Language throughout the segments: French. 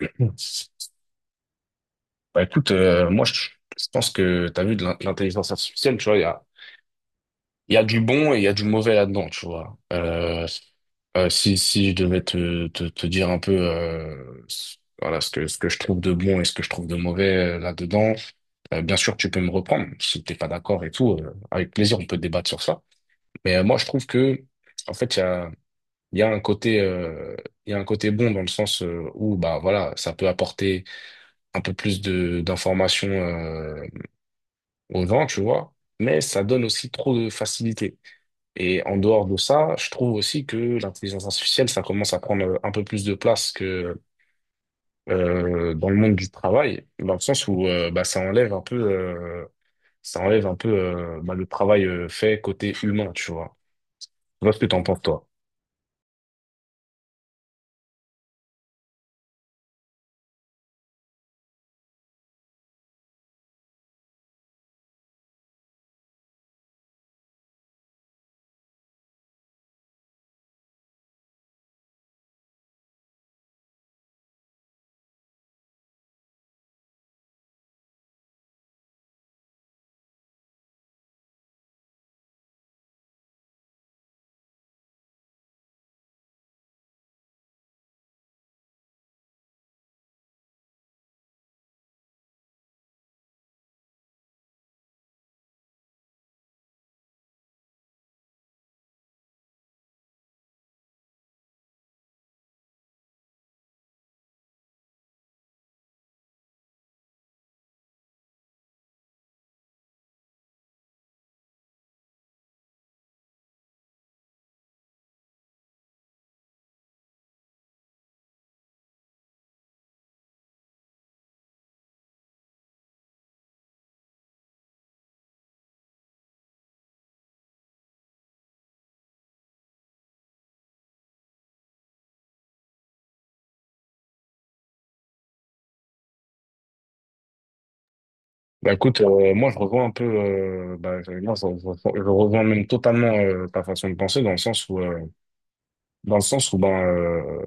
Bah écoute, moi je pense que t'as vu l'intelligence artificielle, tu vois, il y a du bon et il y a du mauvais là-dedans, tu vois. Si je devais te dire un peu voilà, ce que je trouve de bon et ce que je trouve de mauvais là-dedans. Bien sûr tu peux me reprendre si t'es pas d'accord et tout, avec plaisir on peut débattre sur ça. Mais moi je trouve que en fait il y a un côté il y a un côté bon dans le sens où bah voilà ça peut apporter un peu plus de d'informations, on vend, tu vois, mais ça donne aussi trop de facilité. Et en dehors de ça, je trouve aussi que l'intelligence artificielle, ça commence à prendre un peu plus de place que dans le monde du travail, dans le sens où bah, ça enlève un peu bah, le travail fait côté humain, tu vois. Je vois ce que t'en penses, toi. Bah écoute, moi je revois un peu, bah, je, moi, je revois même totalement ta façon de penser dans le sens où dans le sens où ben euh,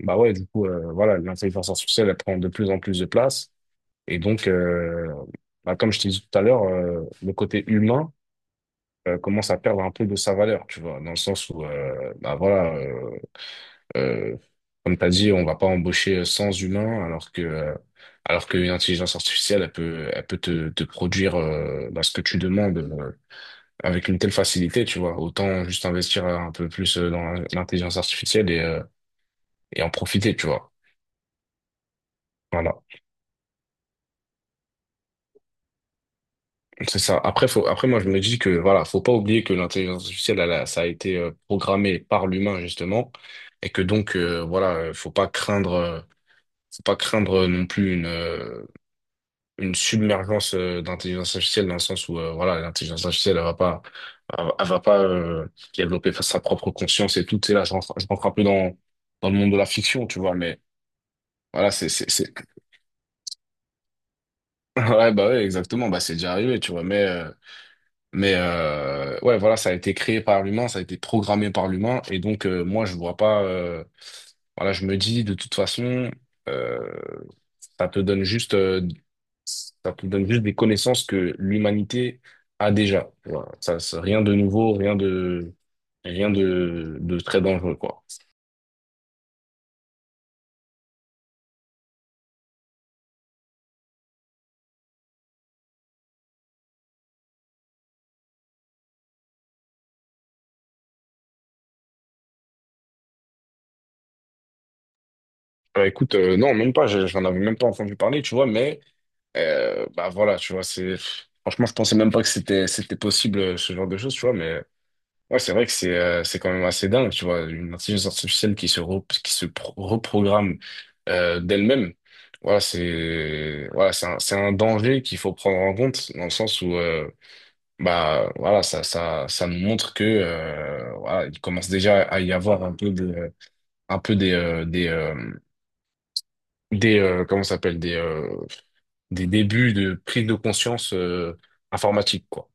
bah ouais du coup voilà l'intelligence artificielle elle prend de plus en plus de place et donc bah, comme je t'ai dit tout à l'heure le côté humain commence à perdre un peu de sa valeur tu vois dans le sens où bah voilà euh, comme t'as dit on va pas embaucher sans humain alors qu'une intelligence artificielle elle peut te produire bah, ce que tu demandes avec une telle facilité tu vois autant juste investir un peu plus dans l'intelligence artificielle et en profiter, tu vois. Voilà, c'est ça. Après, moi, je me dis que, voilà, faut pas oublier que l'intelligence artificielle, ça a été programmé par l'humain, justement, et que donc, voilà, faut pas craindre non plus une submergence d'intelligence artificielle dans le sens où, voilà, l'intelligence artificielle, elle va pas développer sa propre conscience et tout. Tu sais, là, je rentre un peu dans le monde de la fiction, tu vois, mais voilà, ouais, bah ouais, exactement, bah c'est déjà arrivé, tu vois, mais ouais, voilà, ça a été créé par l'humain, ça a été programmé par l'humain. Et donc, moi, je vois pas. Voilà, je me dis, de toute façon, euh, ça te donne juste, euh, ça te donne juste des connaissances que l'humanité a déjà. Voilà. Ça, c'est rien de nouveau, rien de très dangereux, quoi. Bah, écoute, non, même pas, j'en avais même pas entendu parler, tu vois, mais bah voilà, tu vois, c'est. Franchement, je pensais même pas que c'était possible ce genre de choses, tu vois, mais ouais, c'est vrai que c'est quand même assez dingue, tu vois, une intelligence artificielle qui se re- qui se pro- reprogramme d'elle-même. Voilà, c'est voilà, c'est un danger qu'il faut prendre en compte dans le sens où bah voilà, ça nous montre que voilà, il commence déjà à y avoir un peu des comment ça s'appelle des débuts de prise de conscience informatique quoi.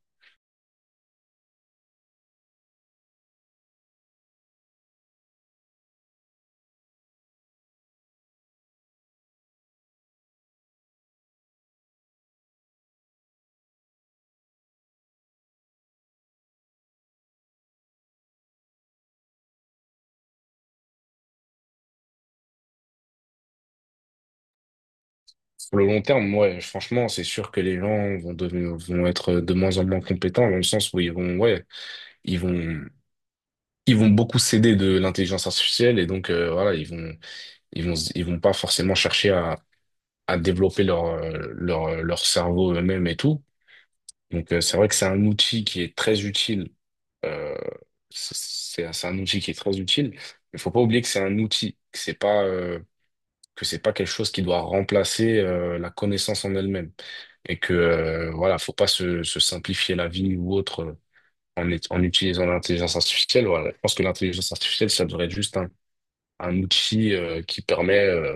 Sur le long terme, ouais, franchement, c'est sûr que les gens vont être de moins en moins compétents dans le sens où ils vont, ouais, ils vont, ils vont beaucoup s'aider de l'intelligence artificielle et donc, voilà, ils vont pas forcément chercher à développer leur cerveau eux-mêmes et tout. Donc, c'est vrai que c'est un outil qui est très utile, euh, c'est, c'est un outil qui est très utile. Il faut pas oublier que c'est un outil, que c'est pas quelque chose qui doit remplacer la connaissance en elle-même et que voilà, faut pas se simplifier la vie ou autre en, en utilisant l'intelligence artificielle. Voilà, je pense que l'intelligence artificielle, ça devrait être juste un outil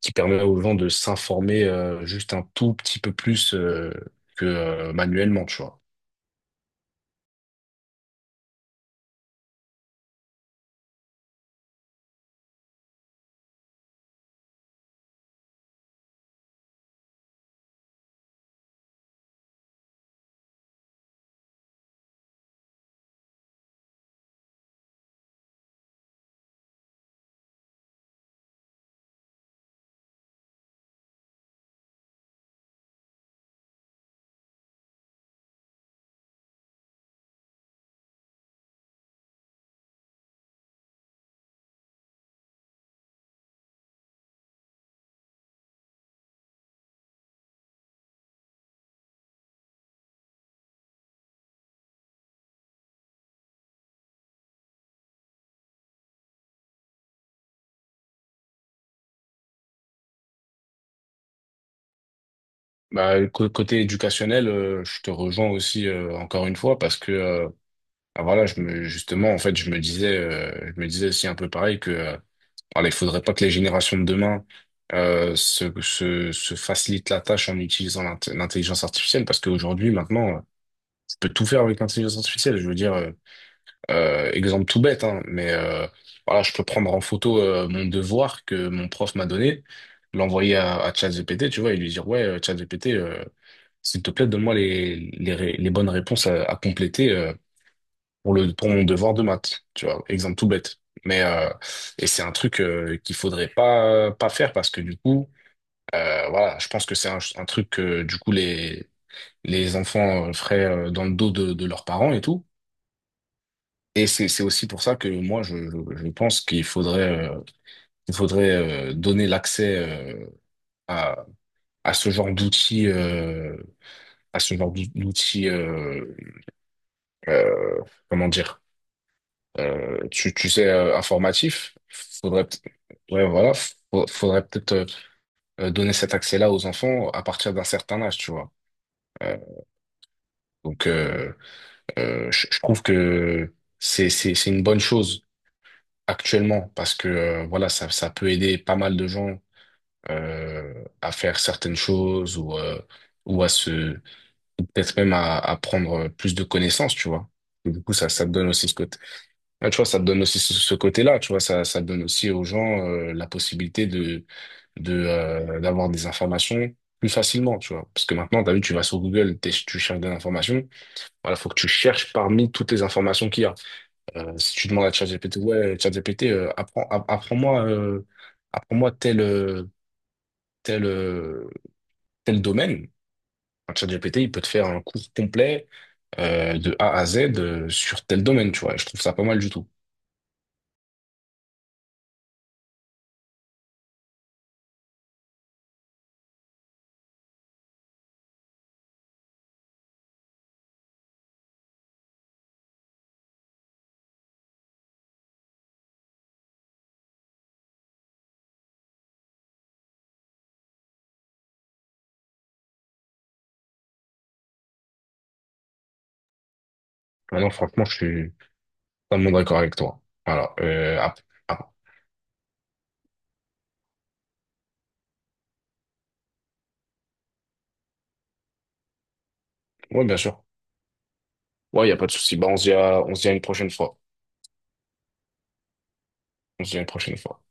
qui permet aux gens de s'informer juste un tout petit peu plus que manuellement, tu vois. Bah, côté éducationnel, je te rejoins aussi encore une fois parce que ah, voilà, justement, en fait, je me disais aussi un peu pareil que alors, il faudrait pas que les générations de demain se facilitent la tâche en utilisant l'intelligence artificielle, parce qu'aujourd'hui, maintenant, je peux tout faire avec l'intelligence artificielle. Je veux dire, exemple tout bête, hein, mais voilà, je peux prendre en photo mon devoir que mon prof m'a donné, l'envoyer à ChatGPT, tu vois, et lui dire, ouais, ChatGPT, s'il te plaît, donne-moi les bonnes réponses à compléter. Pour mon devoir de maths, tu vois, exemple tout bête. Mais et c'est un truc qu'il faudrait pas faire parce que du coup, voilà, je pense que c'est un truc que du coup les enfants feraient dans le dos de leurs parents et tout. Et c'est aussi pour ça que moi je pense qu'il faudrait il faudrait donner l'accès à à ce genre d'outils à ce genre d'outils euh, euh, comment dire. Tu sais, informatif, ouais, voilà, faudrait peut-être donner cet accès-là aux enfants à partir d'un certain âge, tu vois. Euh, donc, je trouve que c'est une bonne chose actuellement parce que, voilà, ça peut aider pas mal de gens à faire certaines choses ou, ou à se, ou peut-être même à prendre plus de connaissances, tu vois. Et du coup, ça te donne aussi ce côté. Ah, tu vois, ça te donne aussi ce côté-là, tu vois, ça donne aussi aux gens la possibilité de, d'avoir des informations plus facilement, tu vois. Parce que maintenant, tu as vu, tu vas sur Google, tu cherches des informations, voilà, faut que tu cherches parmi toutes les informations qu'il y a. Si tu demandes à ChatGPT, ouais, ChatGPT, apprends-moi apprends-moi tel, euh, tel, euh, tel, domaine. Un ChatGPT, il peut te faire un cours complet de A à Z sur tel domaine, tu vois. Et je trouve ça pas mal du tout. Maintenant, franchement, je suis totalement d'accord avec toi. Alors, ap- ouais, bien sûr. Ouais, il n'y a pas de souci. Bah, on se dit à une prochaine fois. On se dit à une prochaine fois.